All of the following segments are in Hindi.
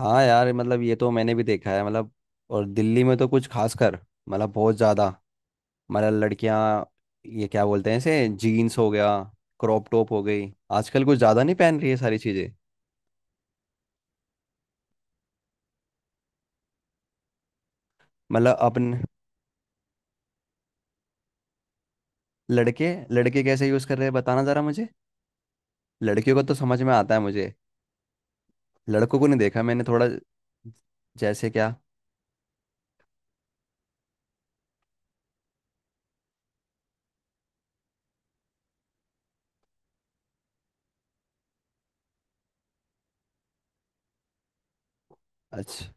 हाँ यार, मतलब ये तो मैंने भी देखा है। मतलब और दिल्ली में तो कुछ खासकर, मतलब बहुत ज़्यादा। मतलब लड़कियां, ये क्या बोलते हैं इसे, जीन्स हो गया, क्रॉप टॉप हो गई। आजकल कुछ ज़्यादा नहीं पहन रही है सारी चीज़ें। मतलब अपन। लड़के लड़के कैसे यूज़ कर रहे हैं बताना ज़रा मुझे। लड़कियों को तो समझ में आता है मुझे, लड़कों को नहीं देखा मैंने थोड़ा। जैसे क्या? अच्छा।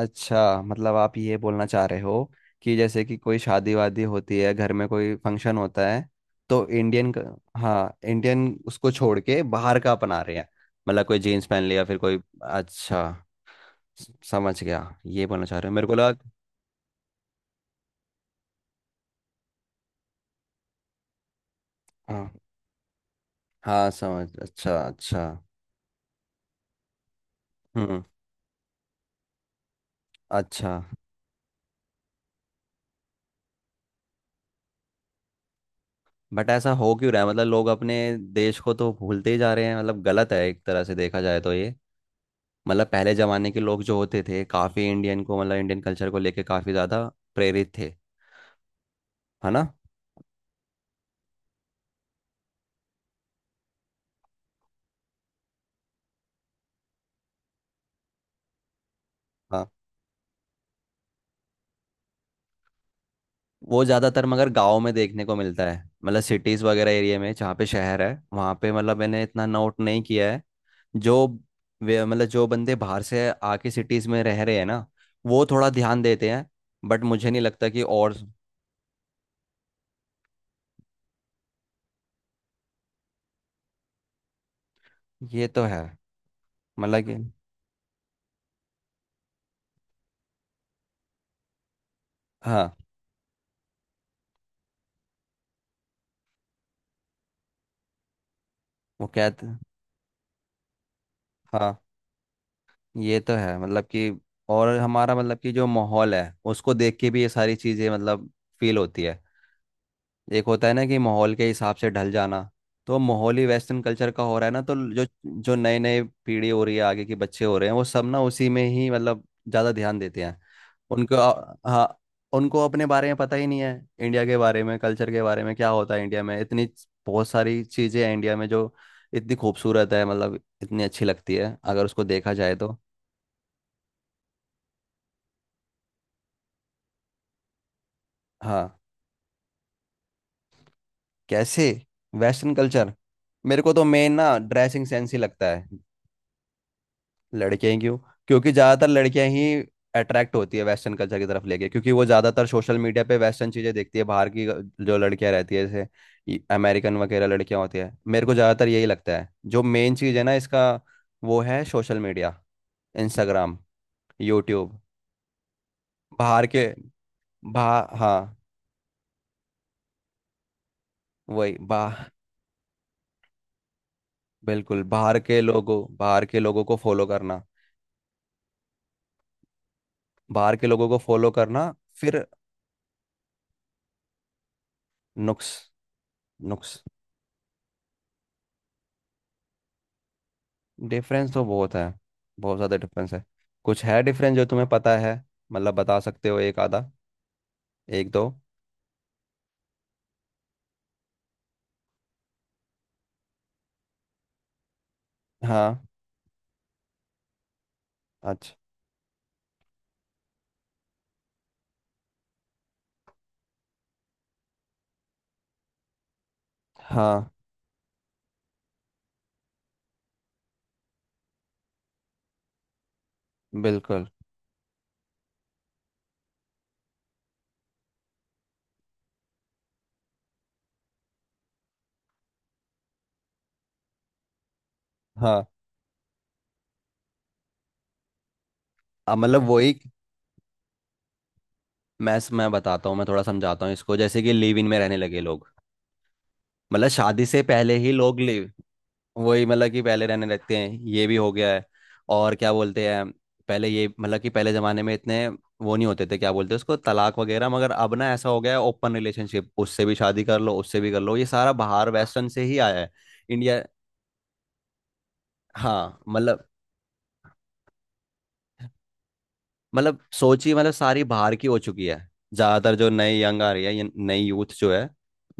अच्छा, मतलब आप ये बोलना चाह रहे हो कि जैसे कि कोई शादी वादी होती है, घर में कोई फंक्शन होता है, तो इंडियन हाँ, इंडियन उसको छोड़ के बाहर का अपना रहे हैं। मतलब कोई जीन्स पहन लिया, फिर कोई। अच्छा। समझ गया। ये बोलना चाह रहे हो, मेरे को लगा। हाँ हाँ, समझ। अच्छा अच्छा। हम्म। अच्छा। बट ऐसा हो क्यों रहा है? मतलब लोग अपने देश को तो भूलते ही जा रहे हैं। मतलब गलत है एक तरह से देखा जाए तो ये। मतलब पहले जमाने के लोग जो होते थे काफी इंडियन को, मतलब इंडियन कल्चर को लेके काफी ज्यादा प्रेरित थे, है ना। हाँ, वो ज्यादातर मगर गाँव में देखने को मिलता है। मतलब सिटीज वगैरह एरिया में, जहाँ पे शहर है वहाँ पे, मतलब मैंने इतना नोट नहीं किया है। जो मतलब जो बंदे बाहर से आके सिटीज में रह रहे हैं ना, वो थोड़ा ध्यान देते हैं। बट मुझे नहीं लगता कि और। ये तो है। मतलब कि हाँ। वो कहते। हाँ, ये तो है। मतलब कि और हमारा मतलब कि जो माहौल है उसको देख के भी ये सारी चीज़ें मतलब फील होती है। एक होता है ना कि माहौल के हिसाब से ढल जाना। तो माहौल ही वेस्टर्न कल्चर का हो रहा है ना, तो जो, जो नए नए पीढ़ी हो रही है, आगे के बच्चे हो रहे हैं, वो सब ना उसी में ही मतलब ज़्यादा ध्यान देते हैं। हाँ, उनको अपने बारे में पता ही नहीं है। इंडिया के बारे में, कल्चर के बारे में क्या होता है इंडिया में, इतनी बहुत सारी चीज़ें हैं इंडिया में जो इतनी खूबसूरत है, मतलब इतनी अच्छी लगती है अगर उसको देखा जाए तो। हाँ। कैसे? वेस्टर्न कल्चर मेरे को तो मेन ना ड्रेसिंग सेंस ही लगता है। लड़कियां ही क्यों? क्योंकि ज़्यादातर लड़कियां ही अट्रैक्ट होती है वेस्टर्न कल्चर की तरफ लेके, क्योंकि वो ज़्यादातर सोशल मीडिया पे वेस्टर्न चीज़ें देखती है बाहर की, जो लड़कियां रहती है, जैसे अमेरिकन वगैरह लड़कियां होती है। मेरे को ज़्यादातर यही लगता है। जो मेन चीज़ है ना इसका, वो है सोशल मीडिया, इंस्टाग्राम, यूट्यूब, बाहर के। बा हाँ वही। बा बिल्कुल, बाहर के लोगों को फॉलो करना। बाहर के लोगों को फॉलो करना। फिर। नुक्स नुक्स डिफरेंस तो बहुत है, बहुत ज़्यादा डिफरेंस है। कुछ है डिफरेंस जो तुम्हें पता है? मतलब बता सकते हो एक आधा, एक दो। हाँ। अच्छा। हाँ। बिल्कुल। हाँ। अब मतलब वही। मैं बताता हूँ, मैं थोड़ा समझाता हूँ इसको। जैसे कि लिव इन में रहने लगे लोग, मतलब शादी से पहले ही लोग लिव। वही, मतलब कि पहले रहने लगते हैं, ये भी हो गया है। और क्या बोलते हैं, पहले ये मतलब कि पहले जमाने में इतने वो नहीं होते थे, क्या बोलते हैं उसको, तलाक वगैरह। मगर अब ना ऐसा हो गया है, ओपन रिलेशनशिप, उससे भी शादी कर लो, उससे भी कर लो, ये सारा बाहर वेस्टर्न से ही आया है। इंडिया। हाँ मतलब। मतलब सोचिए, मतलब सारी बाहर की हो चुकी है। ज्यादातर जो नई यंग आ रही है, ये नई यूथ जो है,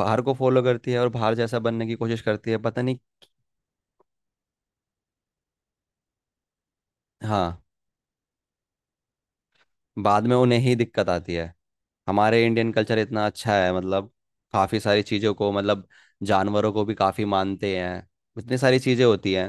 बाहर को फॉलो करती है और बाहर जैसा बनने की कोशिश करती है, पता नहीं। हाँ। बाद में उन्हें ही दिक्कत आती है। हमारे इंडियन कल्चर इतना अच्छा है, मतलब काफ़ी सारी चीज़ों को मतलब जानवरों को भी काफ़ी मानते हैं। इतनी सारी चीज़ें होती हैं।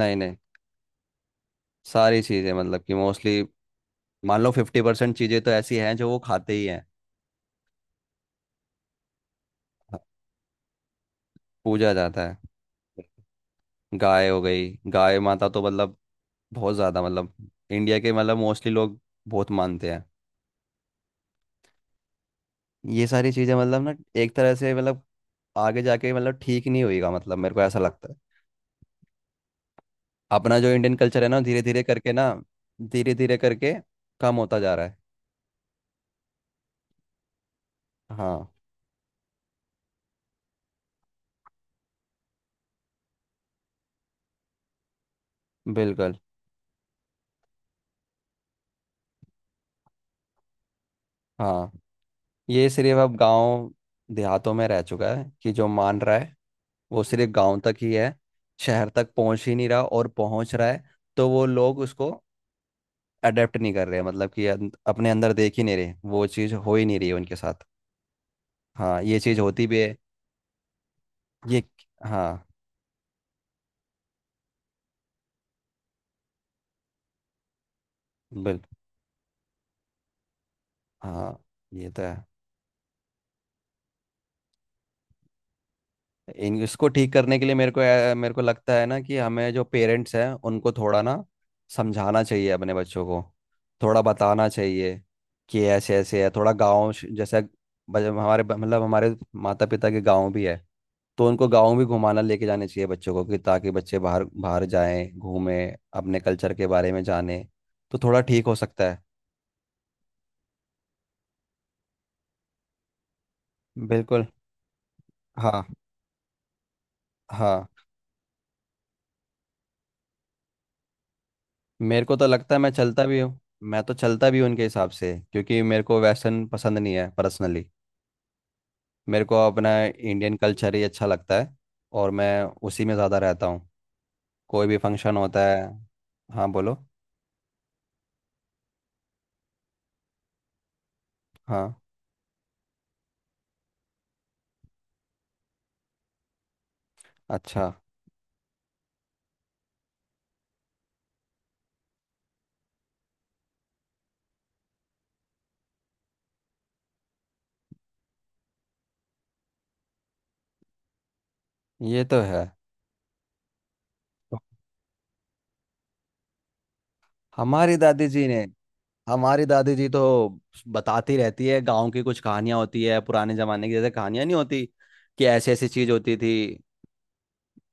नहीं नहीं, सारी चीज़ें मतलब कि मोस्टली मान लो 50% चीज़ें तो ऐसी हैं जो वो खाते ही हैं। पूजा जाता है, गाय हो गई, गाय माता तो मतलब बहुत ज़्यादा, मतलब इंडिया के मतलब मोस्टली लोग बहुत मानते हैं। ये सारी चीज़ें मतलब ना एक तरह से मतलब आगे जाके मतलब ठीक नहीं होएगा, मतलब मेरे को ऐसा लगता है। अपना जो इंडियन कल्चर है ना धीरे धीरे करके ना, धीरे धीरे करके कम होता जा रहा है। हाँ। बिल्कुल। हाँ। ये सिर्फ अब गांव देहातों में रह चुका है, कि जो मान रहा है वो सिर्फ गांव तक ही है। शहर तक पहुंच ही नहीं रहा, और पहुंच रहा है तो वो लोग उसको अडेप्ट नहीं कर रहे। मतलब कि अपने अंदर देख ही नहीं रहे, वो चीज़ हो ही नहीं रही है उनके साथ। हाँ, ये चीज़ होती भी है। ये। हाँ। बिल्कुल। हाँ। ये तो है। इसको ठीक करने के लिए मेरे को मेरे को लगता है ना, कि हमें जो पेरेंट्स हैं उनको थोड़ा ना समझाना चाहिए अपने बच्चों को, थोड़ा बताना चाहिए कि ऐसे ऐसे है। थोड़ा गाँव जैसे, मतलब हमारे माता पिता के गाँव भी है, तो उनको गाँव भी घुमाना लेके जाने चाहिए बच्चों को, कि ताकि बच्चे बाहर बाहर जाएं, घूमें, अपने कल्चर के बारे में जाने, तो थोड़ा ठीक हो सकता है। बिल्कुल। हाँ। हाँ। मेरे को तो लगता है मैं चलता भी हूँ। मैं तो चलता भी हूँ उनके हिसाब से, क्योंकि मेरे को वेस्टर्न पसंद नहीं है पर्सनली। मेरे को अपना इंडियन कल्चर ही अच्छा लगता है, और मैं उसी में ज़्यादा रहता हूँ। कोई भी फंक्शन होता है। हाँ बोलो। हाँ। अच्छा। ये तो है। तो हमारी दादी जी ने, हमारी दादी जी तो बताती रहती है गांव की। कुछ कहानियां होती है पुराने जमाने की, जैसे कहानियां नहीं होती, कि ऐसी ऐसी चीज होती थी।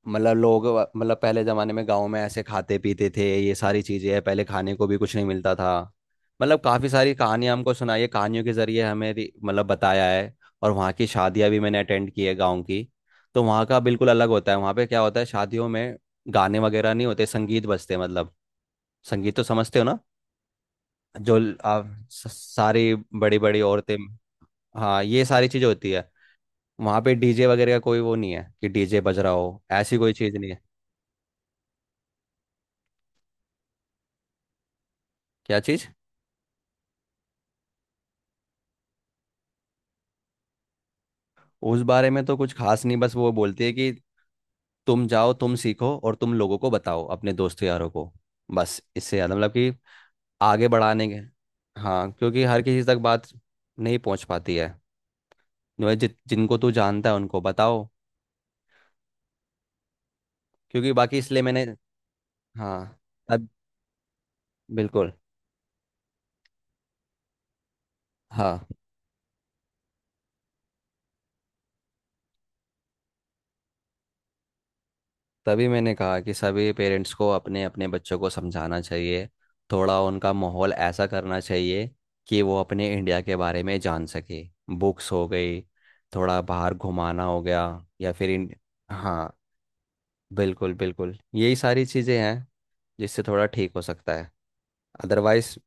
मतलब लोग मतलब पहले जमाने में गांव में ऐसे खाते पीते थे, ये सारी चीजें हैं। पहले खाने को भी कुछ नहीं मिलता था, मतलब काफी सारी कहानियां हमको सुनाई है। कहानियों के जरिए हमें मतलब बताया है। और वहाँ की शादियां भी मैंने अटेंड की है गाँव की, तो वहाँ का बिल्कुल अलग होता है। वहाँ पे क्या होता है शादियों में, गाने वगैरह नहीं होते, संगीत बजते हैं, मतलब संगीत तो समझते हो ना, जो आप सारी बड़ी बड़ी औरतें। हाँ, ये सारी चीजें होती है। वहाँ पे डीजे वगैरह का कोई वो नहीं है, कि डीजे बज रहा हो, ऐसी कोई चीज नहीं है। क्या चीज? उस बारे में तो कुछ खास नहीं, बस वो बोलती है कि तुम जाओ तुम सीखो और तुम लोगों को बताओ अपने दोस्तों यारों को। बस इससे ज़्यादा मतलब कि आगे बढ़ाने के। हाँ, क्योंकि हर किसी तक बात नहीं पहुंच पाती है। जो जिनको तू जानता है उनको बताओ, क्योंकि बाकी इसलिए मैंने। हाँ। अब। बिल्कुल। हाँ। तभी मैंने कहा कि सभी पेरेंट्स को अपने अपने बच्चों को समझाना चाहिए। थोड़ा उनका माहौल ऐसा करना चाहिए कि वो अपने इंडिया के बारे में जान सके। बुक्स हो गई, थोड़ा बाहर घुमाना हो गया, या फिर इंड। हाँ बिल्कुल, बिल्कुल यही सारी चीज़ें हैं जिससे थोड़ा ठीक हो सकता है। अदरवाइज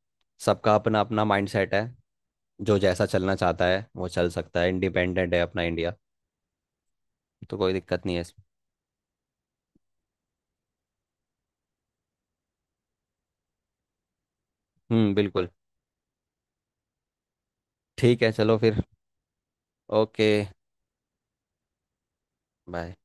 सबका अपना अपना माइंडसेट है। जो जैसा चलना चाहता है वो चल सकता है, इंडिपेंडेंट है अपना इंडिया, तो कोई दिक्कत नहीं है इसमें। हम्म। बिल्कुल। ठीक है, चलो फिर। ओके। बाय।